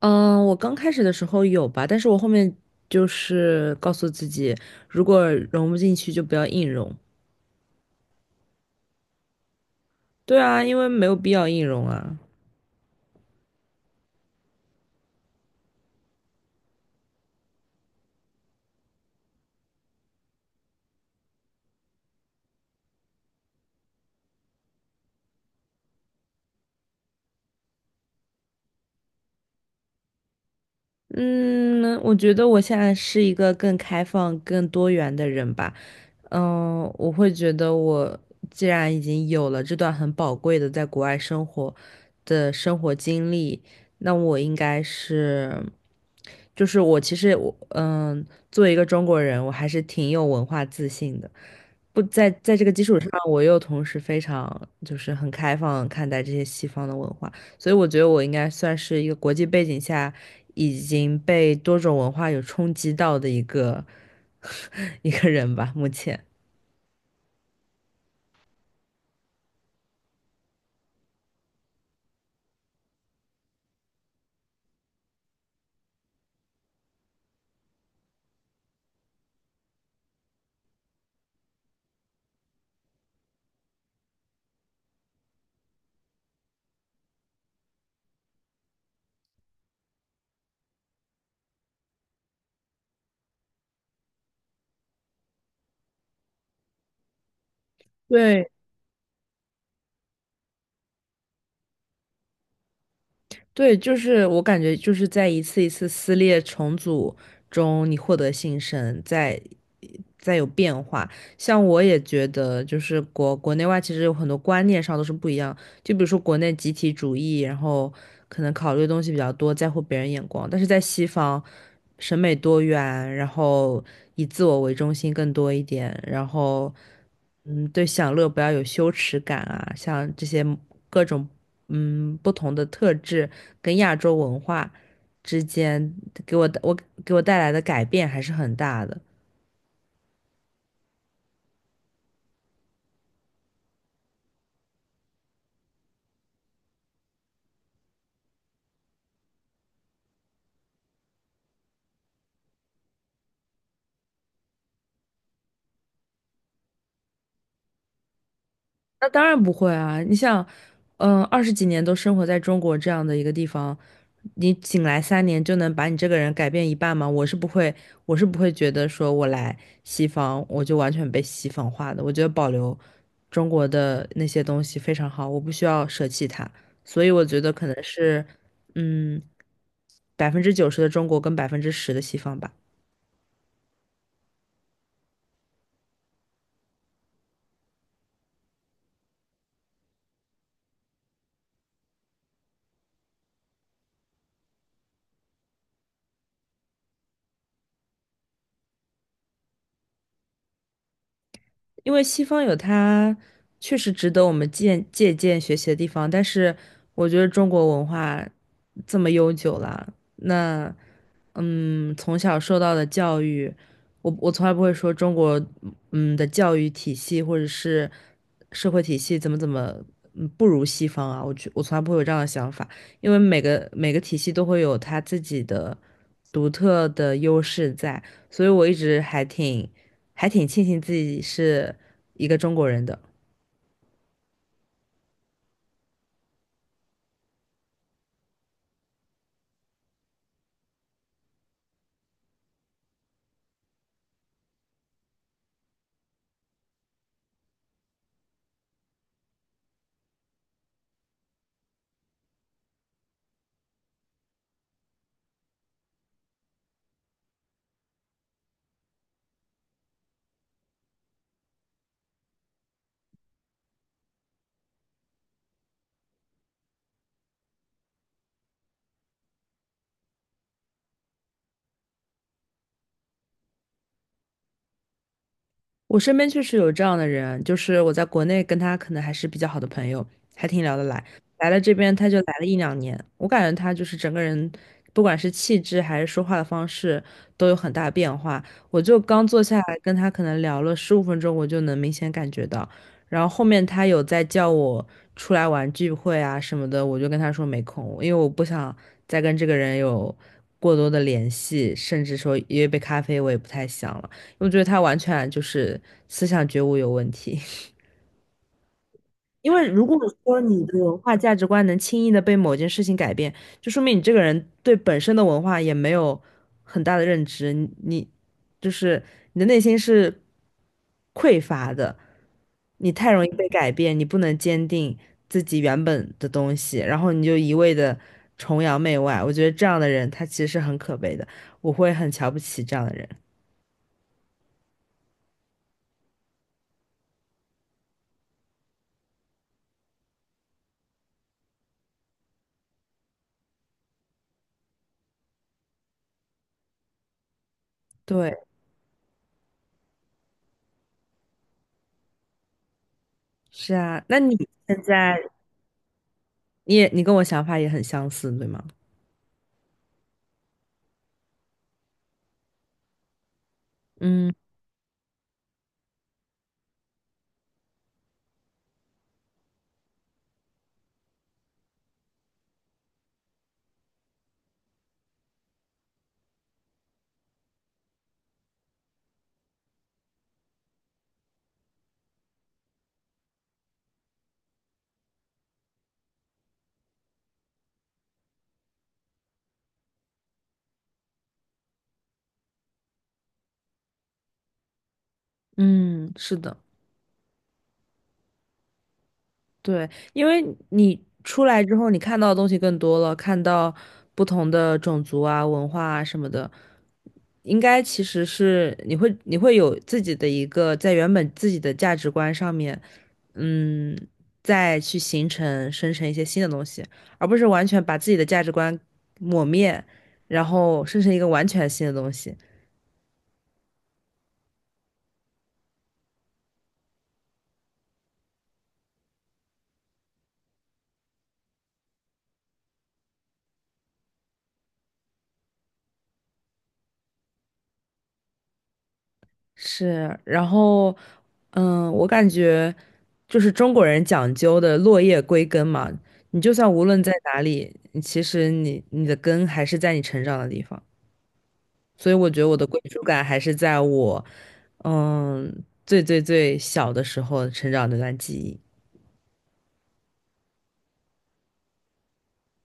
嗯，我刚开始的时候有吧，但是我后面就是告诉自己，如果融不进去就不要硬融。对啊，因为没有必要硬融啊。嗯，我觉得我现在是一个更开放、更多元的人吧。我会觉得我既然已经有了这段很宝贵的在国外生活的生活经历，那我应该是，就是我其实我嗯，作为一个中国人，我还是挺有文化自信的。不在这个基础上，我又同时非常就是很开放看待这些西方的文化，所以我觉得我应该算是一个国际背景下已经被多种文化有冲击到的一个 一个人吧，目前。对，对，就是我感觉就是在一次一次撕裂重组中，你获得新生，在有变化。像我也觉得，就是国内外其实有很多观念上都是不一样。就比如说国内集体主义，然后可能考虑的东西比较多，在乎别人眼光，但是在西方，审美多元，然后以自我为中心更多一点，然后对享乐不要有羞耻感啊，像这些各种。不同的特质跟亚洲文化之间给我的我给我带来的改变还是很大的。那当然不会啊！你想，20几年都生活在中国这样的一个地方，你仅来3年就能把你这个人改变一半吗？我是不会，我是不会觉得说我来西方我就完全被西方化的。我觉得保留中国的那些东西非常好，我不需要舍弃它。所以我觉得可能是，嗯，90%的中国跟10%的西方吧。因为西方有它确实值得我们借鉴学习的地方，但是我觉得中国文化这么悠久了，那从小受到的教育，我从来不会说中国的教育体系或者是社会体系怎么怎么不如西方啊，我从来不会有这样的想法，因为每个体系都会有它自己的独特的优势在，所以我一直还挺庆幸自己是一个中国人的。我身边确实有这样的人，就是我在国内跟他可能还是比较好的朋友，还挺聊得来。来了这边他就来了一两年，我感觉他就是整个人，不管是气质还是说话的方式，都有很大变化。我就刚坐下来跟他可能聊了15分钟，我就能明显感觉到。然后后面他有在叫我出来玩聚会啊什么的，我就跟他说没空，因为我不想再跟这个人有过多的联系，甚至说约杯咖啡我也不太想了。我觉得他完全就是思想觉悟有问题。因为如果说你的文化价值观能轻易的被某件事情改变，就说明你这个人对本身的文化也没有很大的认知，你就是你的内心是匮乏的，你太容易被改变，你不能坚定自己原本的东西，然后你就一味的崇洋媚外。我觉得这样的人他其实是很可悲的，我会很瞧不起这样的人。对，是啊，那你现在你也你跟我想法也很相似，对吗？嗯嗯，是的，对，因为你出来之后，你看到的东西更多了，看到不同的种族啊、文化啊什么的，应该其实是你会有自己的一个在原本自己的价值观上面，嗯，再去生成一些新的东西，而不是完全把自己的价值观抹灭，然后生成一个完全新的东西。是，然后我感觉。就是中国人讲究的落叶归根嘛，你就算无论在哪里，你其实你的根还是在你成长的地方，所以我觉得我的归属感还是在我最最最小的时候成长的那段记忆，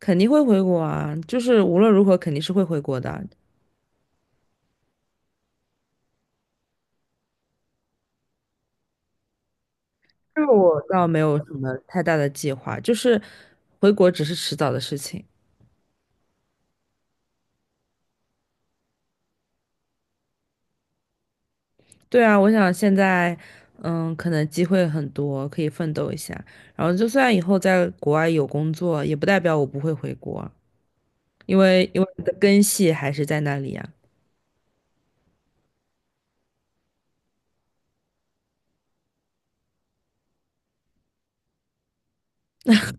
肯定会回国啊，就是无论如何肯定是会回国的，这个我倒没有什么太大的计划，就是回国只是迟早的事情。对啊，我想现在，可能机会很多，可以奋斗一下。然后，就算以后在国外有工作，也不代表我不会回国，因为我的根系还是在那里呀、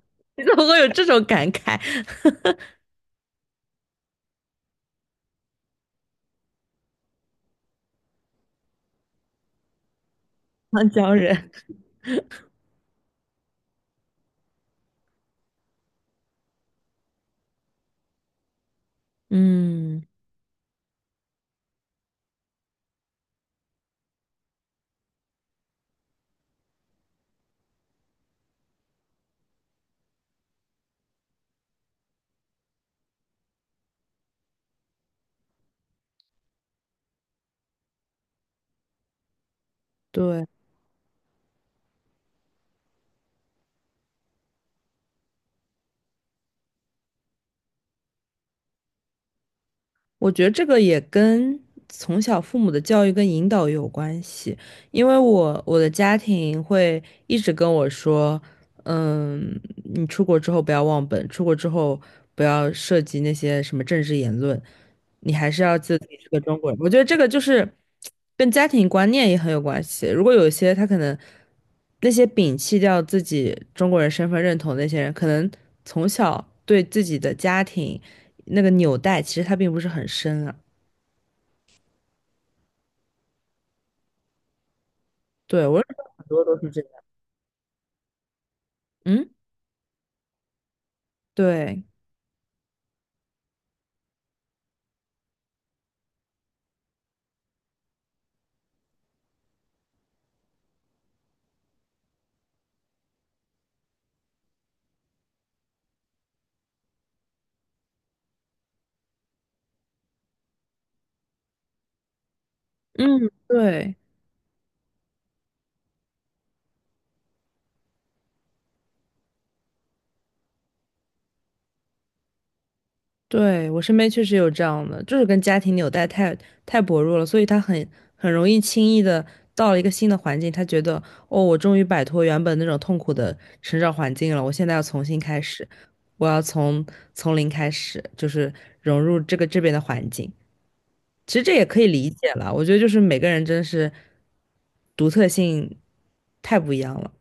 你怎么会有这种感慨？长江人，嗯，对。我觉得这个也跟从小父母的教育跟引导有关系，因为我的家庭会一直跟我说，嗯，你出国之后不要忘本，出国之后不要涉及那些什么政治言论，你还是要记得自己是个中国人。我觉得这个就是跟家庭观念也很有关系。如果有一些他可能那些摒弃掉自己中国人身份认同的那些人，可能从小对自己的家庭。那个纽带，其实它并不是很深啊。对，我认识很多都是这样。嗯，对，嗯，对，对，我身边确实有这样的，就是跟家庭纽带太薄弱了，所以他很容易轻易的到了一个新的环境，他觉得哦，我终于摆脱原本那种痛苦的成长环境了，我现在要重新开始，我要从零开始，就是融入这边的环境。其实这也可以理解了，我觉得就是每个人真是独特性太不一样了。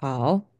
好。